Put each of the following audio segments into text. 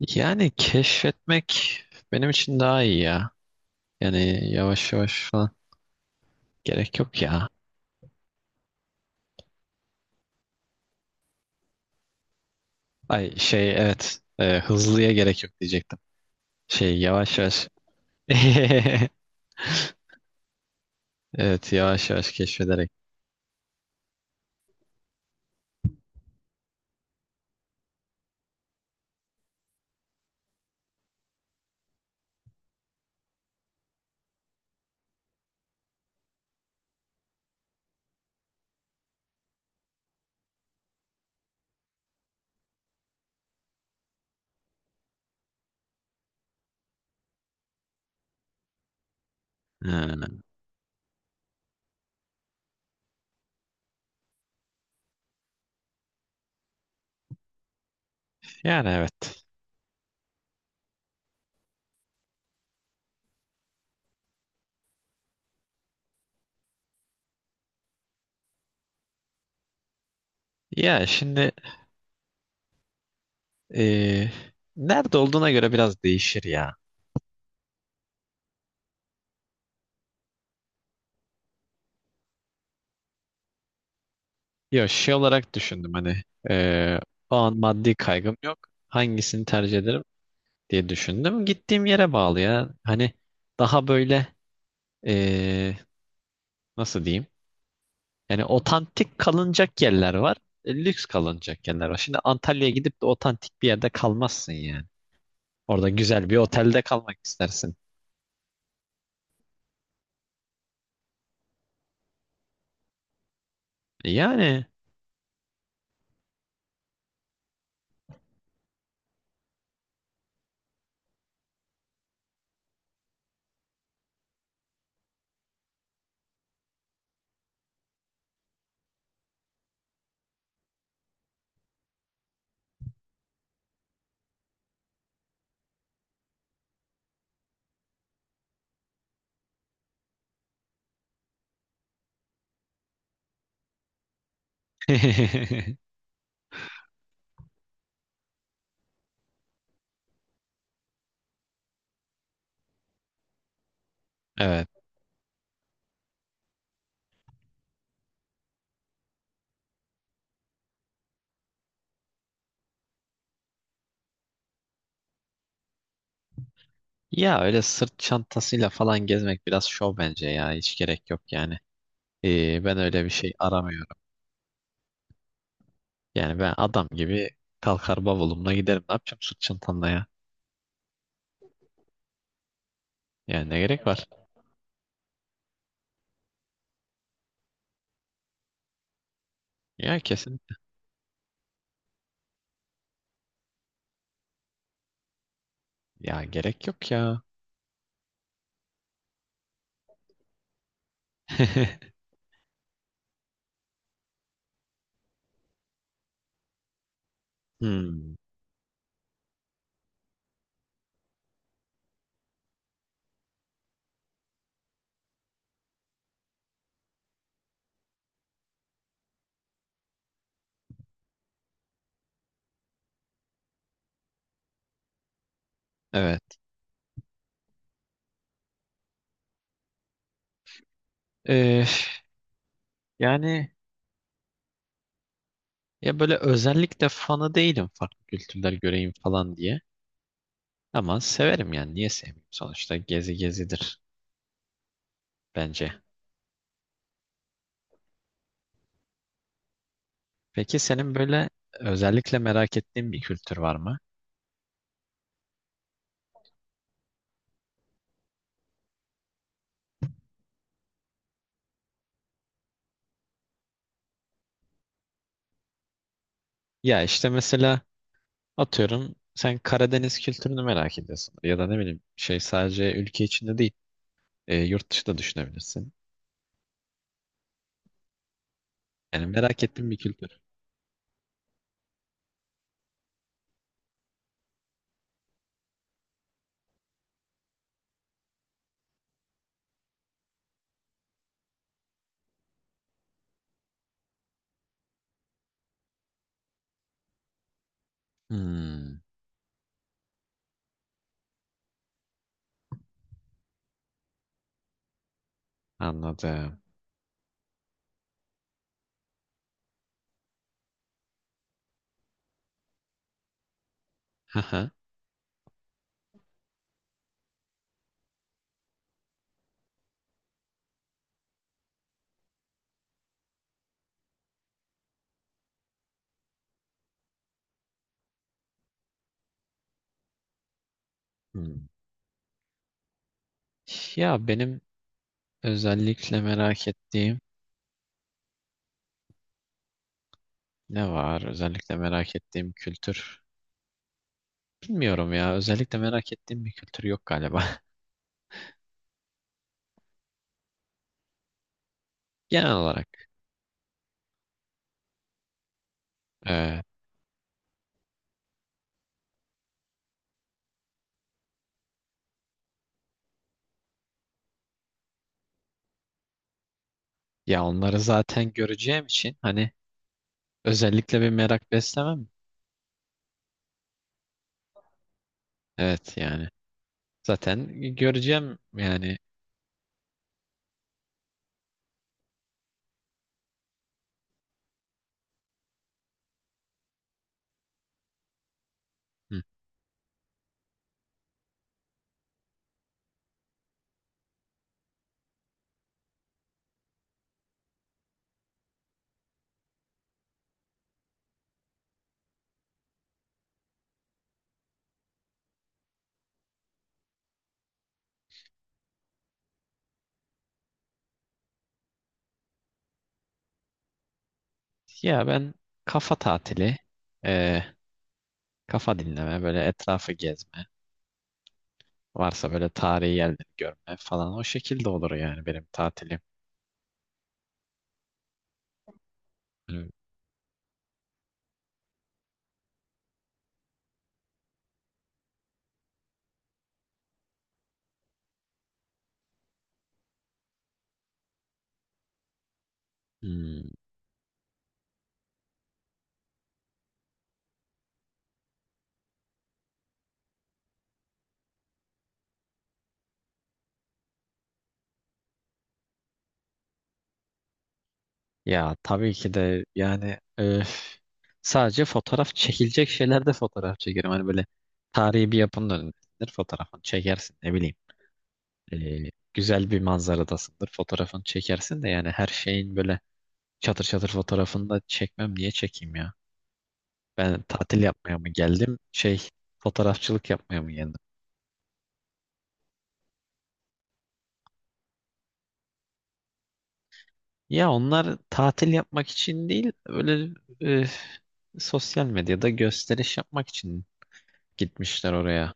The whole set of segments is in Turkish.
Yani keşfetmek benim için daha iyi ya. Yani yavaş yavaş falan gerek yok ya. Ay şey evet hızlıya gerek yok diyecektim. Şey yavaş yavaş. Evet yavaş yavaş keşfederek. Ha, yani evet. Ya şimdi e, nerede olduğuna göre biraz değişir ya. Yo şey olarak düşündüm hani, e, o an maddi kaygım yok. Hangisini tercih ederim diye düşündüm. Gittiğim yere bağlı ya. Hani daha böyle Ee, nasıl diyeyim? Yani otantik kalınacak yerler var. Lüks kalınacak yerler var. Şimdi Antalya'ya gidip de otantik bir yerde kalmazsın yani. Orada güzel bir otelde kalmak istersin. E, yani. Evet. Ya öyle sırt çantasıyla falan gezmek biraz şov bence ya. Hiç gerek yok yani. Ben öyle bir şey aramıyorum. Yani ben adam gibi kalkar bavulumla giderim. Ne yapacağım sırt çantamla ya? Yani ne gerek var? Ya kesin. Ya gerek yok ya. Hmm. Evet. Ee, yani ya böyle özellikle fanı değilim farklı kültürler göreyim falan diye. Ama severim yani niye sevmeyeyim? Sonuçta gezi gezidir bence. Peki senin böyle özellikle merak ettiğin bir kültür var mı? Ya işte mesela atıyorum sen Karadeniz kültürünü merak ediyorsun. Ya da ne bileyim şey sadece ülke içinde değil, yurt dışı da düşünebilirsin. Yani merak ettiğin bir kültür. Hmm, anladım. Haha. Hmm. Ya benim özellikle merak ettiğim. Ne var? Özellikle merak ettiğim kültür. Bilmiyorum ya. Özellikle merak ettiğim bir kültür yok galiba. Genel olarak. e, Ya onları zaten göreceğim için hani özellikle bir merak beslemem. Evet yani. Zaten göreceğim yani. Hı. Ya ben kafa tatili, e, kafa dinleme, böyle etrafı gezme. Varsa böyle tarihi yerleri görme falan. O şekilde olur yani benim tatilim. Hani, hmm. Ya tabii ki de yani öf, sadece fotoğraf çekilecek şeylerde fotoğraf çekerim. Hani böyle tarihi bir yapının önündesindir fotoğrafını çekersin ne bileyim. Güzel bir manzaradasındır fotoğrafını çekersin de yani her şeyin böyle çatır çatır fotoğrafını da çekmem niye çekeyim ya? Ben tatil yapmaya mı geldim şey, fotoğrafçılık yapmaya mı geldim? Ya onlar tatil yapmak için değil öyle, e, sosyal medyada gösteriş yapmak için gitmişler oraya.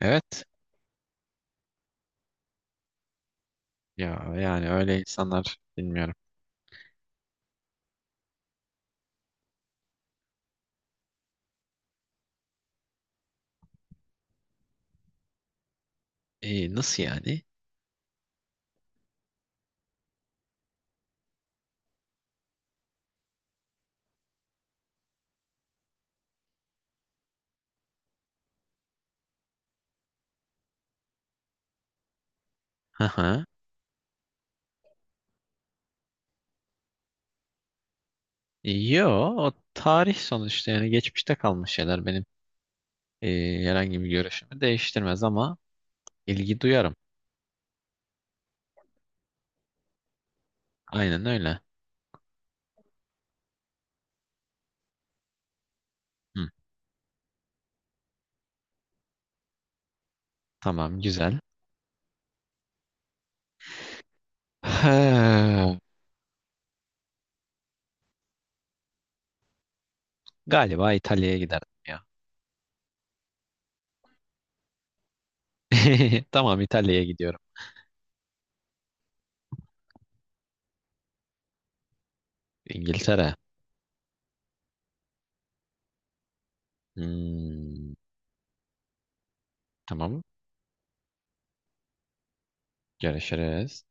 Evet. Ya yani öyle insanlar bilmiyorum. E, nasıl yani? Hı hı. Yo, o tarih sonuçta yani geçmişte kalmış şeyler benim, e, herhangi bir görüşümü değiştirmez ama ilgi duyarım. Aynen öyle. Hı, tamam güzel. He, galiba İtalya'ya giderdim ya. Tamam İtalya'ya gidiyorum. İngiltere. Hmm, tamam görüşürüz.